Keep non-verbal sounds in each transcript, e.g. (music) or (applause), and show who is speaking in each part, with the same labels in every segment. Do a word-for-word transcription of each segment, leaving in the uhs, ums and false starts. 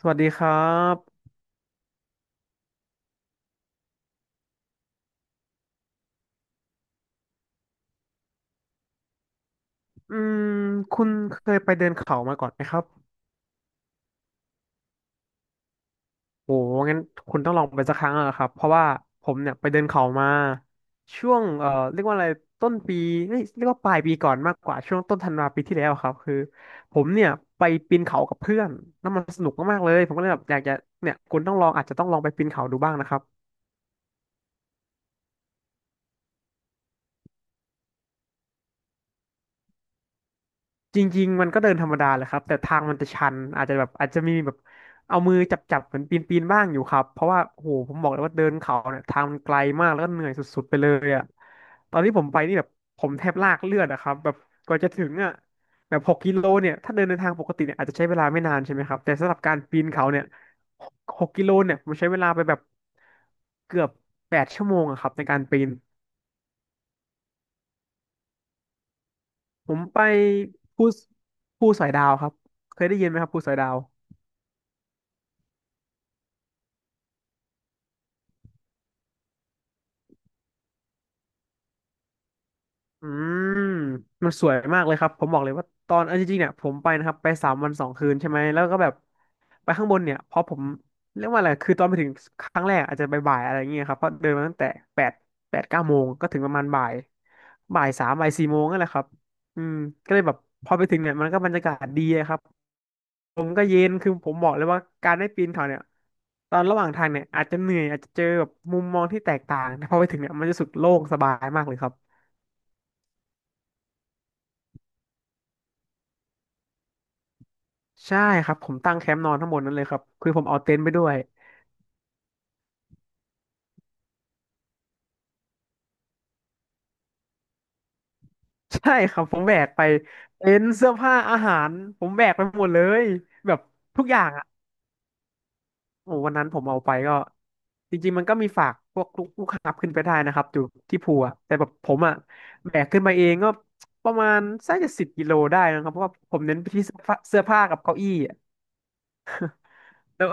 Speaker 1: สวัสดีครับอืมคุณเคยไปเดินเขามาก่อนไหมครับโอ้งั้นคุณต้องลองไปสักครั้งอะครับเพราะว่าผมเนี่ยไปเดินเขามาช่วงเอ่อเรียกว่าอะไรต้นปีเอ้ยเรียกว่าปลายปีก่อนมากกว่าช่วงต้นธันวาปีที่แล้วครับคือผมเนี่ยไปปีนเขากับเพื่อนแล้วมันสนุกมากๆเลยผมก็เลยแบบอยากจะเนี่ยคุณต้องลองอาจจะต้องลองไปปีนเขาดูบ้างนะครับ จริงๆมันก็เดินธรรมดาแหละครับแต่ทางมันจะชันอาจจะแบบอาจจะมีแบบเอามือจับๆเหมือนปีนๆบ้างอยู่ครับเพราะว่าโหผมบอกเลยว่าเดินเขาเนี่ยทางมันไกลมากแล้วก็เหนื่อยสุดๆไปเลยอ่ะตอนที่ผมไปนี่แบบผมแทบลากเลือดอะครับแบบกว่าจะถึงอ่ะแบบหกกิโลเนี่ยถ้าเดินในทางปกติเนี่ยอาจจะใช้เวลาไม่นานใช่ไหมครับแต่สำหรับการปีนเขาเนี่ยหกหกกิโลเนี่ยผมใช้เวลาไปแบบเกือบแปดชั่วโมงอะครับในการปีนผมไปภูภูสอยดาวครับเคยได้ยินไหมครับภูสอยดาว อืมมันสวยมากเลยครับผมบอกเลยว่าตอนเอาจริงๆเนี่ยผมไปนะครับไปสามวันสองคืนใช่ไหมแล้วก็แบบไปข้างบนเนี่ยเพราะผมเรียกว่าอะไรคือตอนไปถึงครั้งแรกอาจจะบ่ายๆอะไรอย่างเงี้ยครับเพราะเดินมาตั้งแต่แปดแปดเก้าโมงก็ถึงประมาณบ่ายบ่ายสามบ่ายสี่โมงนั่นแหละครับอืมก็เลยแบบพอไปถึงเนี่ยมันก็บรรยากาศดีอะครับผมก็เย็นคือผมบอกเลยว่าการได้ปีนเขาเนี่ยตอนระหว่างทางเนี่ยอาจจะเหนื่อยอาจจะเจอแบบมุมมองที่แตกต่างแต่พอไปถึงเนี่ยมันจะรู้สึกโล่งสบายมากเลยครับ ใช่ครับผมตั้งแคมป์นอนทั้งหมดนั้นเลยครับคือผมเอาเต็นท์ไปด้วย (laughs) ใช่ครับผมแบกไปเต็นท์เสื้อผ้าอาหารผมแบกไปหมดเลยแบบทุกอย่างอ่ะโอ้วันนั้นผมเอาไปก็จริงๆมันก็มีฝากพวกลูกลูกค้าขึ้นไปได้นะครับอยู่ที่ภูอะแต่แบบผมอ่ะแบกขึ้นมาเองก็ประมาณสักจะสิบกิโลได้นะครับเพราะว่าผมเน้นไปที่เสื้อผ้าเสื้อผ้ากับเก้าอี้อะแล้ว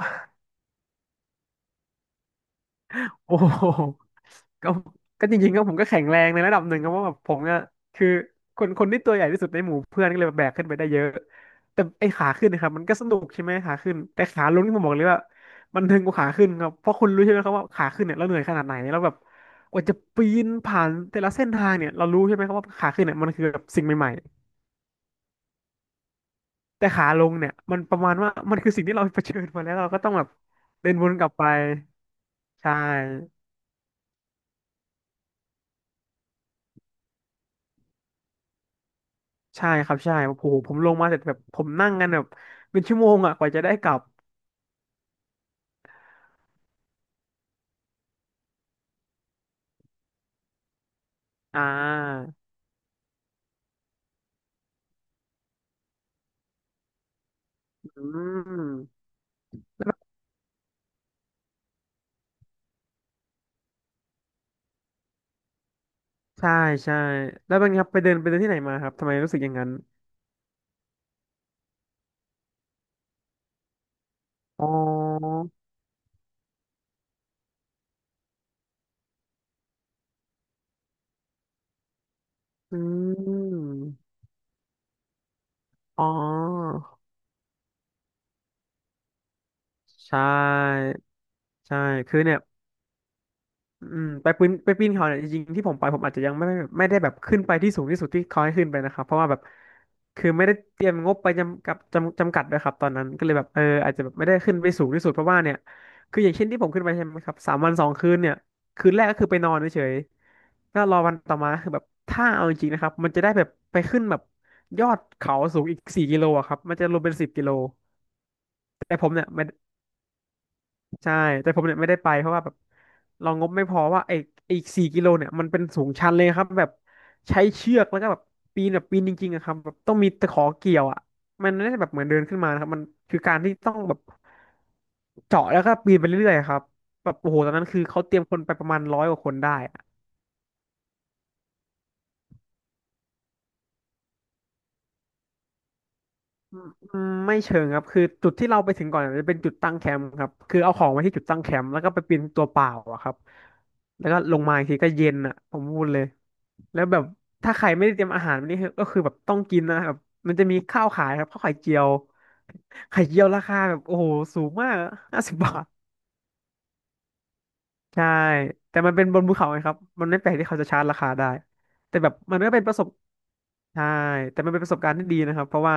Speaker 1: โอ้โหก็ก็จริงๆก็ผมก็แข็งแรงในระดับหนึ่งครับเพราะว่าแบบผมเนี่ยคือคนคนที่ตัวใหญ่ที่สุดในหมู่เพื่อนก็เลยแบบแบกขึ้นไปได้เยอะ แต่ไอ้ขาขึ้นนะครับมันก็สนุกใช่ไหมขาขึ้นแต่ขาลงที่ผมบอกเลยว่ามันทึงกว่าขาขึ้นครับเพราะคุณรู้ใช่ไหมครับว่าขาขึ้นเนี่ยเราเหนื่อยขนาดไหนแล้วแบบกว่าจะปีนผ่านแต่ละเส้นทางเนี่ยเรารู้ใช่ไหมครับว่าขาขึ้นเนี่ยมันคือแบบสิ่งใหม่ๆแต่ขาลงเนี่ยมันประมาณว่ามันคือสิ่งที่เราเผชิญมาแล้วเราก็ต้องแบบเดินวนกลับไปใช่ ใช่ครับใช่โอ้โหผมลงมาเสร็จแบบผมนั่งกันแบบเป็นชั่วโมงอ่ะกว่าจะได้กลับอ่าอืมใช่ใช่แล้วเป็นไงครับไปเดินไปเดินที่ไหนมาครับทำไมรู้สึกอย่างนั้นอ๋ออืมอ๋อใช่ใช่คือเนี่ย อืมไปปีนไปปีนเขาเนี่ยจริงๆที่ผมไปผมอาจจะยังไม่ไม่ได้แบบขึ้นไปที่สูงที่สุดที่เขาให้ขึ้นไปนะครับเพราะว่าแบบคือไม่ได้เตรียมงบไปจำกับจำจำกัดด้วยครับตอนนั้นก็เลยแบบเอออาจจะแบบไม่ได้ขึ้นไปสูงที่สุดเพราะว่าเนี่ยคืออย่างเช่นที่ผมขึ้นไปใช่ไหมครับสามวันสองคืนเนี่ยคืนแรกก็คือไปนอนเฉยๆก็รอวันต่อมาคือแบบถ้าเอาจริงๆนะครับมันจะได้แบบไปขึ้นแบบยอดเขาสูงอีกสี่กิโลอะครับมันจะรวมเป็นสิบกิโลแต่ผมเนี่ย ใช่แต่ผมเนี่ยไม่ได้ไปเพราะว่าแบบเรางบไม่พอว่าไอ้ไอ้สี่กิโลเนี่ยมันเป็นสูงชันเลยครับแบบใช้เชือกแล้วก็แบบปีนแบบปีนจริงๆอะครับแบบต้องมีตะขอเกี่ยวอ่ะมันไม่ได้แบบเหมือนเดินขึ้นมานะครับมันคือการที่ต้องแบบเจาะแล้วก็ปีนไปเรื่อยๆอะครับแบบโอ้โหตอนนั้นคือเขาเตรียมคนไปประมาณร้อยกว่าคนได้ อืมอืมไม่เชิงครับคือจุดที่เราไปถึงก่อนจะเป็นจุดตั้งแคมป์ครับคือเอาของไว้ที่จุดตั้งแคมป์แล้วก็ไปปีนตัวเปล่าอะครับแล้วก็ลงมาอีกทีก็เย็นอะผมพูดเลยแล้วแบบถ้าใครไม่ได้เตรียมอาหารวันนี้คือก็คือแบบต้องกินนะครับมันจะมีข้าวขายครับข้าวไข่เจียวไข่เจียวราคาแบบโอ้โหสูงมากห้าสิบบาท ใช่ แต่มันเป็นบนภูเขาไงครับ มันไม่แปลกที่เขาจะชาร์จราคาได้ แต่แบบมันก็เป็นประสบใช่แต่มันเป็นประสบการณ์ที่ดีนะครับ เพราะว่า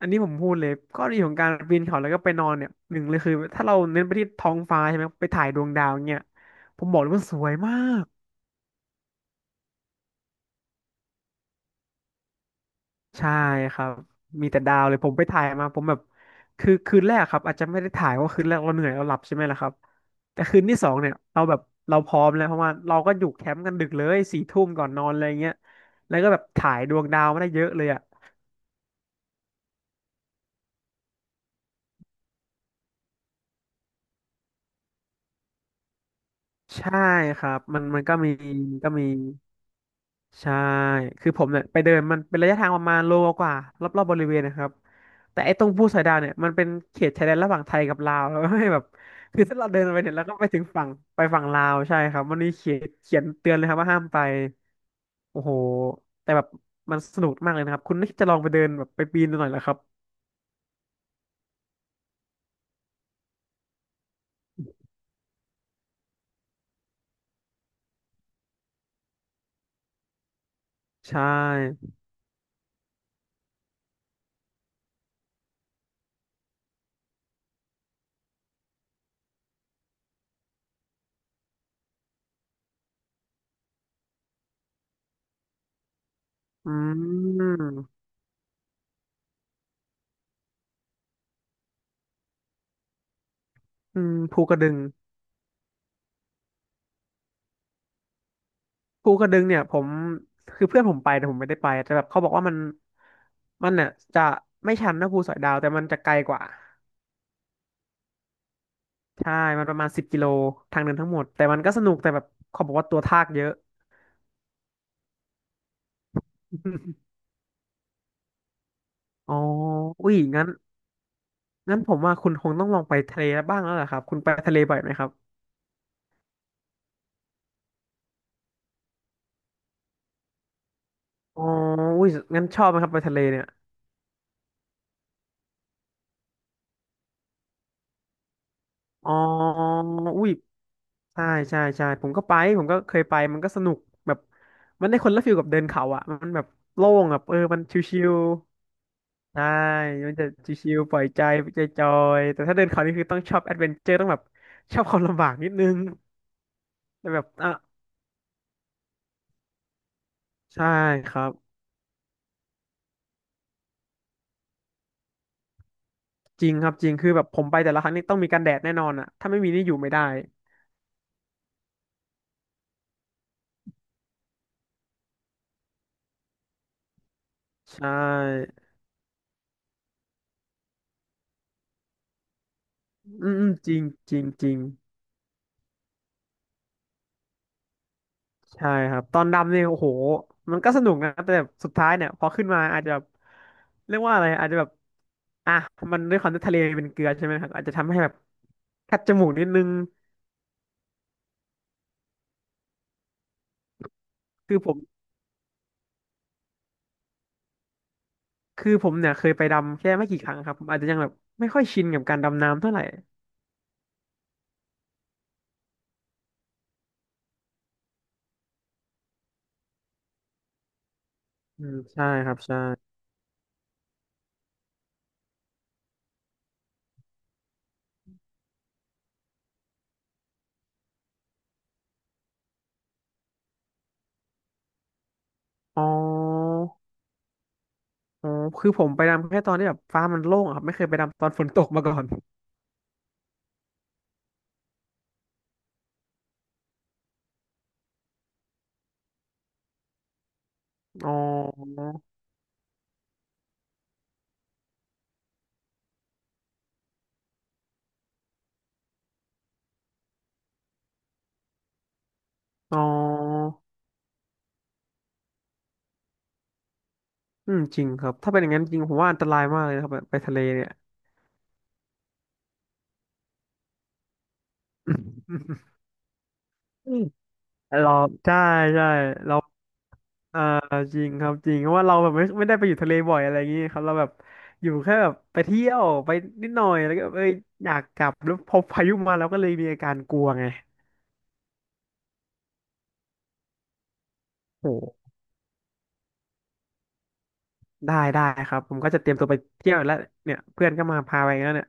Speaker 1: อันนี้ผมพูดเลยข้อดีของการปีนเขาแล้วก็ไปนอนเนี่ย หนึ่งเลยคือถ้าเราเน้นไปที่ท้องฟ้าใช่ไหม ไปถ่ายดวงดาวเนี่ยผมบอกเลยว่าสวยมาก ใช่ครับ มีแต่ดาวเลยผมไปถ่ายมาผมแบบ คือคืนแรกครับอาจจะไม่ได้ถ่ายเพราะคืนแรกเราเหนื่อยเราหลับใช่ไหมล่ะครับ แต่คืนที่สองเนี่ยเราแบบเราพร้อมแล้วเพราะว่าเราก็อยู่แคมป์กันดึกเลยสี่ทุ่มก่อนนอนอะไรเงี้ย แล้วก็แบบถ่ายดวงดาวมาได้เยอะเลยอ่ะ ใช่ครับ มันมันก็มีก็มี ใช่ คือผมเนี่ยไปเดินมันเป็นระยะทางประมาณโลกว่ารอบๆบริเวณนะครับ แต่ไอ้ตรงภูสอยดาวเนี่ยมันเป็นเขตชายแดนระหว่างไทยกับลาวแล้วให้แบบคือถ้าเราเดินไปเนี่ยแล้วก็ไปถึงฝั่งไปฝั่งลาวใช่ครับ มันมีเขียนเขียนเตือนเลยครับว่าห้ามไป โอ้โห แต่แบบมันสนุกมากเลยนะครับคุณน่าจะลองไปเดินแบบไปปีนดูหน่อยแล้ครับใช่อืมอืมภูกระดึง ภูกระดึงเนี่ยผมคือเพื่อนผมไปแต่ผมไม่ได้ไปแต่แบบเขาบอกว่ามันมันเนี่ยจะไม่ชันนะภูสอยดาวแต่มันจะไกลกว่าใช่มันประมาณสิบกิโลทางเดินทั้งหมดแต่มันก็สนุกแต่แบบเขาบอกว่าตัวทากเยอะ (laughs) อ๋ออุ้ยงั้นงั้นผมว่าคุณคงต้องลองไปทะเลบ้างแล้วล่ะครับคุณไปทะเลบ่อยไหมครับอ๋ออุ้ยงั้นชอบไหมครับไปทะเลเนี่ยอ๋ออุ้ย ใช่ใช่ใช่ผมก็ไปผมก็เคยไปมันก็สนุกแบบมันได้คนละฟิลกับเดินเขาอ่ะมันแบบโล่งแบบเออมันชิวๆใช่มันจะชิวๆปล่อยใจใจจอยๆแต่ถ้าเดินเขานี่คือต้องชอบแอดเวนเจอร์ต้องแบบชอบความลำบากนิดนึงแต่แบบอ่ะใช่ครับจริงครับจริงคือแบบผมไปแต่ละครั้งนี่ต้องมีกันแดดแน่นอนอ่ะถ้าไม่มีนี่อยู่ไม่ได้ใช่อืมอืมจริงจริงจริง ใช่ครับตอนดำเนี่ยโอ้โหมันก็สนุกนะแต่แบบสุดท้ายเนี่ยพอขึ้นมาอาจจะแบบเรียกว่าอะไรอาจจะแบบอ่ะมันด้วยความที่ทะเลเป็นเกลือใช่ไหมครับอาจจะทำให้แบบคัดจมูกนิดนึงคือผมคือผมเนี่ยเคยไปดำแค่ไม่กี่ครั้งครับผมอาจจะยังแบบไม่ค่อยชินกับการดำน้ำเท่าไหร่อืมใช่ครับใช่อ๋ออ๋อคือผมไปดำแค่ตอนที่แบบฟ้ามันโล่งอะครับไม่เคยไปดำตอนฝนตกมาก่อนอ๋ออ๋ออืมจริงครับถ้าเป็นอย่างนั้นจริงผมว่าอันตรายมากเลยนะครับแบบไปทะเลเนี่ย เราใช่ใช่เราเอ่อจริงครับจริงเพราะว่าเราแบบไม่ไม่ได้ไปอยู่ทะเลบ่อยอะไรอย่างงี้ครับเราแบบอยู่แค่แบบไปเที่ยวไปนิดหน่อยแล้วก็เอ้ยอยากกลับแล้วพอพายุมาเราก็เลยมีอาการกลัวไงโอ้ได้ได้ครับผมก็จะเตรียมตัวไปเที่ยวแล้วเนี่ยเพื่อนก็มาพาไปแล้วเนี่ย